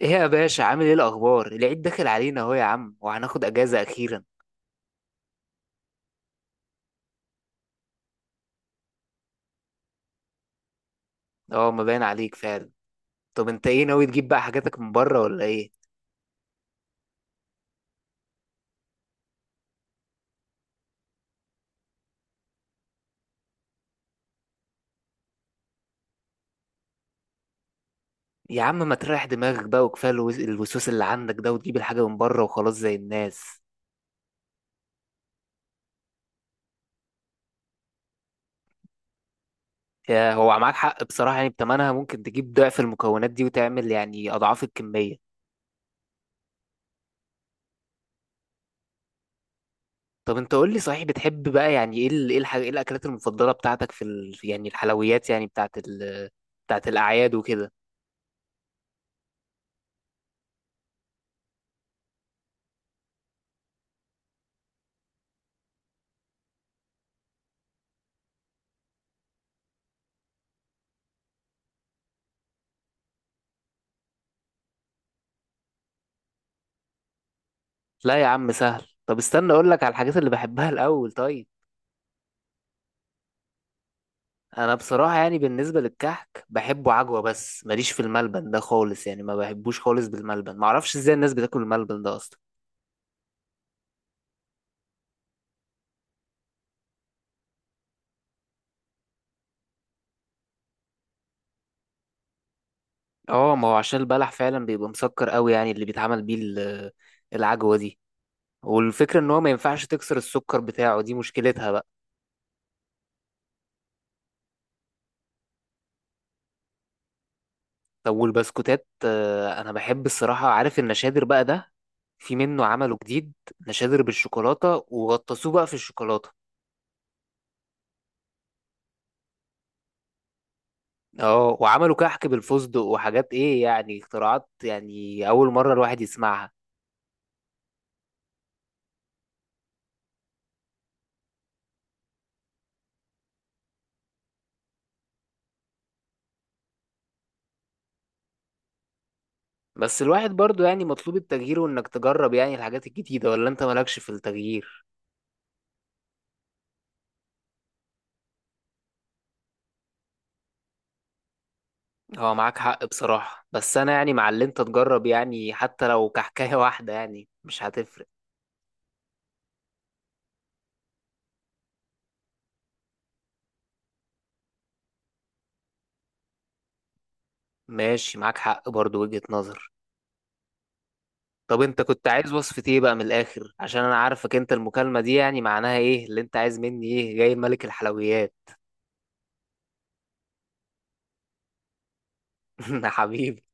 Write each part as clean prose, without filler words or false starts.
ايه يا باشا، عامل ايه؟ الاخبار؟ العيد داخل علينا اهو يا عم، وهناخد اجازه اخيرا. اه، ما باين عليك فعلا. طب انت ايه ناوي تجيب بقى حاجاتك من بره ولا ايه؟ يا عم، ما تريح دماغك بقى، وكفايه الوسوس اللي عندك ده، وتجيب الحاجه من بره وخلاص زي الناس. يا هو معاك حق بصراحه، يعني بتمنها ممكن تجيب ضعف المكونات دي وتعمل يعني اضعاف الكميه. طب انت قول لي، صحيح بتحب بقى يعني ايه ايه الحاجه، ايه الاكلات المفضله بتاعتك في يعني الحلويات، يعني بتاعت الاعياد وكده؟ لا يا عم، سهل. طب استنى اقول لك على الحاجات اللي بحبها الاول طيب. انا بصراحه يعني بالنسبه للكحك بحبه عجوه، بس ماليش في الملبن ده خالص، يعني ما بحبوش خالص بالملبن، ما اعرفش ازاي الناس بتاكل الملبن ده اصلا. اه، ما هو عشان البلح فعلا بيبقى مسكر قوي، يعني اللي بيتعمل بيه العجوه دي. والفكره ان هو ما ينفعش تكسر السكر بتاعه، دي مشكلتها بقى. طب والبسكوتات؟ انا بحب الصراحه، عارف النشادر بقى ده؟ في منه عمله جديد، نشادر بالشوكولاته وغطسوه بقى في الشوكولاته. اه، وعملوا كحك بالفستق وحاجات، ايه يعني اختراعات، يعني اول مرة الواحد يسمعها. بس الواحد برضو يعني مطلوب التغيير، وانك تجرب يعني الحاجات الجديدة. ولا انت مالكش في التغيير؟ هو معاك حق بصراحة، بس انا يعني مع اللي انت تجرب، يعني حتى لو كحكاية واحدة يعني مش هتفرق. ماشي، معاك حق برضو، وجهة نظر. طب انت كنت عايز وصفة ايه بقى من الاخر؟ عشان انا عارفك انت، المكالمة دي يعني معناها ايه؟ اللي انت عايز مني ايه جاي ملك الحلويات؟ حبيبي.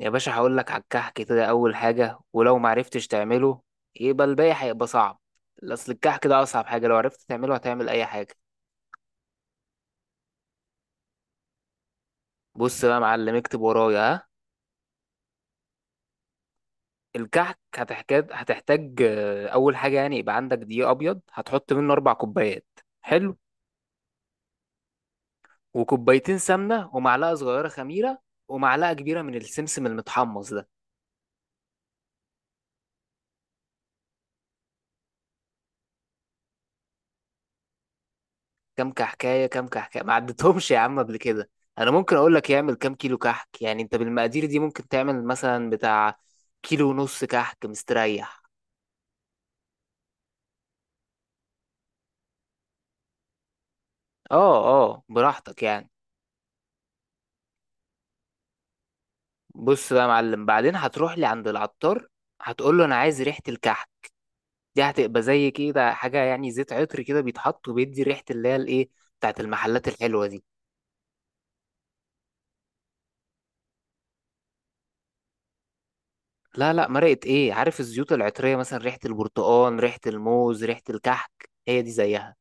يا باشا، هقول لك على الكحك كده اول حاجه، ولو ما عرفتش تعمله يبقى الباقي هيبقى صعب. اصل الكحك ده اصعب حاجه، لو عرفت تعمله هتعمل اي حاجه. بص بقى يا معلم، اكتب ورايا، ها. الكحك هتحتاج اول حاجه، يعني يبقى عندك دقيق ابيض هتحط منه 4 كوبايات. حلو. وكوبايتين سمنه، ومعلقه صغيره خميره، ومعلقه كبيره من السمسم المتحمص ده. كام كحكايه؟ كام كحكايه ما عدتهمش يا عم قبل كده؟ انا ممكن اقول لك يعمل كام كيلو كحك. يعني انت بالمقادير دي ممكن تعمل مثلا بتاع كيلو ونص كحك مستريح. اه اه، براحتك يعني. بص بقى يا معلم، بعدين هتروح لي عند العطار، هتقول له انا عايز ريحه الكحك. دي هتبقى زي كده حاجه يعني زيت عطر كده بيتحط وبيدي ريحه، اللي هي الايه، بتاعت المحلات الحلوه دي. لا لا، مرقه ايه؟ عارف الزيوت العطريه، مثلا ريحه البرتقال، ريحه الموز، ريحه الكحك، هي دي زيها.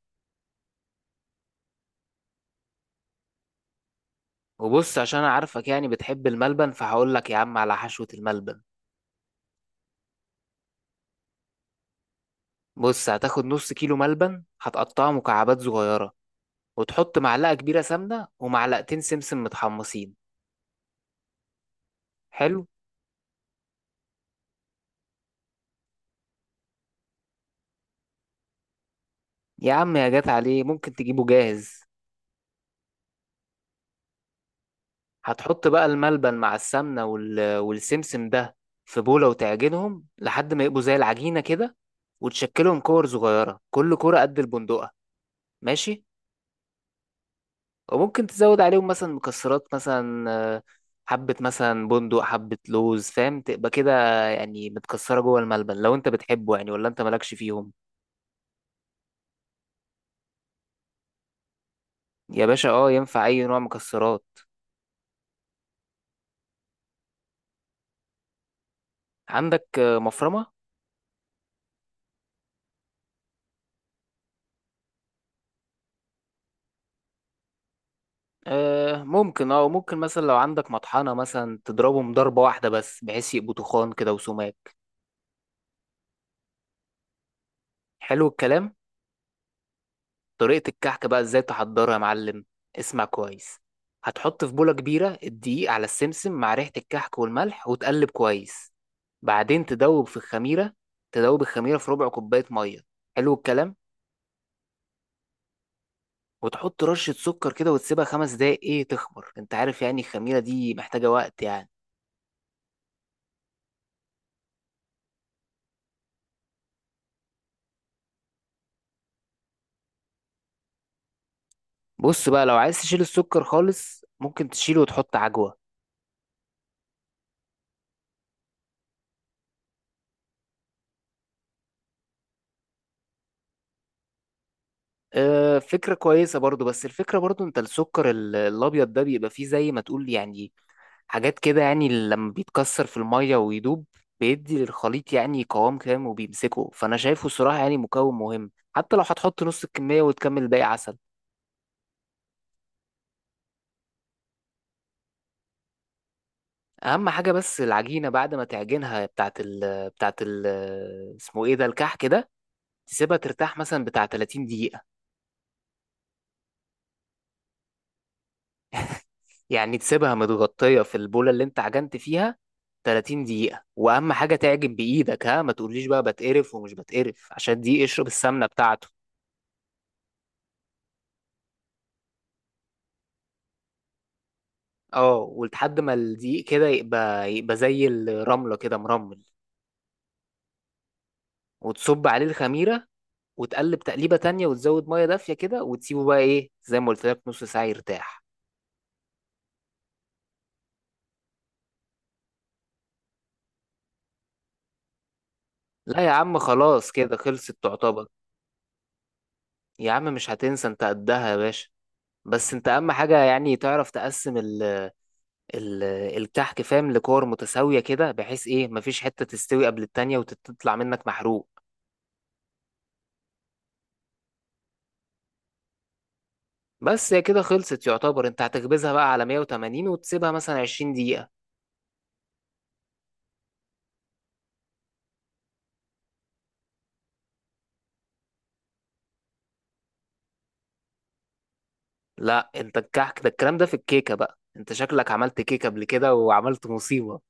وبص، عشان انا عارفك يعني بتحب الملبن، فهقول لك يا عم على حشوة الملبن. بص، هتاخد نص كيلو ملبن، هتقطعه مكعبات صغيرة، وتحط معلقة كبيرة سمنة ومعلقتين سمسم متحمصين. حلو. يا عم، يا جات عليه، ممكن تجيبه جاهز. هتحط بقى الملبن مع السمنة والسمسم ده في بولة، وتعجنهم لحد ما يبقوا زي العجينة كده. وتشكلهم كور صغيرة، كل كورة قد البندقة. ماشي. وممكن تزود عليهم مثلا مكسرات، مثلا آه، حبة مثلا بندق، حبة لوز، فاهم تبقى كده، يعني متكسرة جوه الملبن، لو انت بتحبه يعني. ولا انت مالكش فيهم؟ يا باشا، اه، ينفع اي نوع مكسرات. عندك مفرمة؟ آه ممكن، وممكن مثلا لو عندك مطحنة، مثلا تضربهم ضربة واحدة بس بحيث يبقوا تخان كده وسماك. حلو الكلام. طريقة الكحكة بقى ازاي تحضرها يا معلم؟ اسمع كويس. هتحط في بولة كبيرة الدقيق على السمسم مع ريحة الكحك والملح، وتقلب كويس. بعدين تدوب في الخميرة، تدوب الخميرة في ربع كوباية مية. حلو الكلام. وتحط رشة سكر كده، وتسيبها 5 دقايق ايه تخمر، انت عارف يعني الخميرة دي محتاجة وقت يعني. بص بقى، لو عايز تشيل السكر خالص، ممكن تشيله وتحط عجوة. اه، فكرة كويسة برضو، بس الفكرة برضو انت السكر الابيض ده بيبقى فيه زي ما تقول يعني حاجات كده، يعني لما بيتكسر في المية ويدوب بيدي للخليط يعني قوام كام وبيمسكه، فأنا شايفه الصراحة يعني مكون مهم، حتى لو هتحط نص الكمية وتكمل باقي عسل. أهم حاجة، بس العجينة بعد ما تعجنها بتاعت ال بتاعت ال اسمه ايه ده، الكحك كده، تسيبها ترتاح مثلا بتاع 30 دقيقة. يعني تسيبها متغطية في البولة اللي انت عجنت فيها 30 دقيقة. وأهم حاجة تعجن بإيدك، ها، ما تقوليش بقى بتقرف ومش بتقرف، عشان دي اشرب السمنة بتاعته. اه، ولحد ما الدقيق كده يبقى زي الرملة كده مرمل، وتصب عليه الخميرة وتقلب تقليبة تانية، وتزود مية دافية كده، وتسيبه بقى ايه زي ما قلت لك نص ساعة يرتاح. لا يا عم، خلاص كده خلصت تعتبر. يا عم مش هتنسى، انت قدها يا باشا. بس انت اهم حاجة يعني تعرف تقسم ال ال الكحك فاهم لكور متساوية كده، بحيث ايه مفيش حتة تستوي قبل التانية وتطلع منك محروق. بس هي كده خلصت يعتبر، انت هتخبزها بقى على 180 وتسيبها مثلا 20 دقيقة. لا، انت الكحك ده الكلام ده في الكيكة بقى، انت شكلك عملت كيكة قبل كده وعملت مصيبة.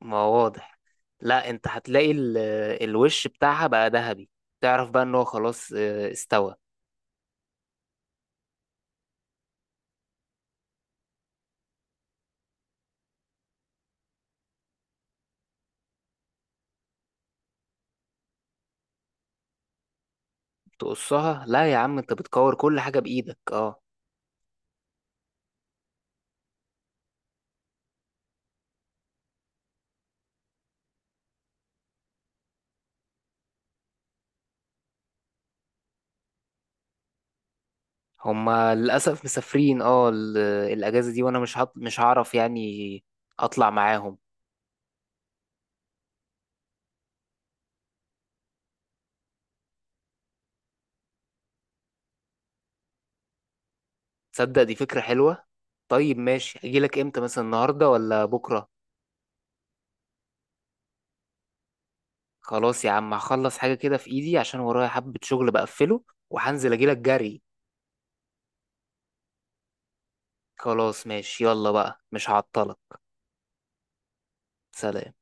ما هو واضح. لا، انت هتلاقي الوش بتاعها بقى ذهبي، تعرف بقى ان هو خلاص استوى. تقصها؟ لا يا عم، انت بتكور كل حاجة بايدك، اه. هما للأسف مسافرين، الأجازة دي، وانا مش هعرف يعني اطلع معاهم. تصدق دي فكرة حلوة. طيب ماشي، اجيلك امتى مثلا، النهاردة ولا بكرة؟ خلاص يا عم، هخلص حاجة كده في ايدي عشان ورايا حبة شغل، بقفله وهنزل اجيلك جري. خلاص ماشي، يلا بقى مش هعطلك. سلام.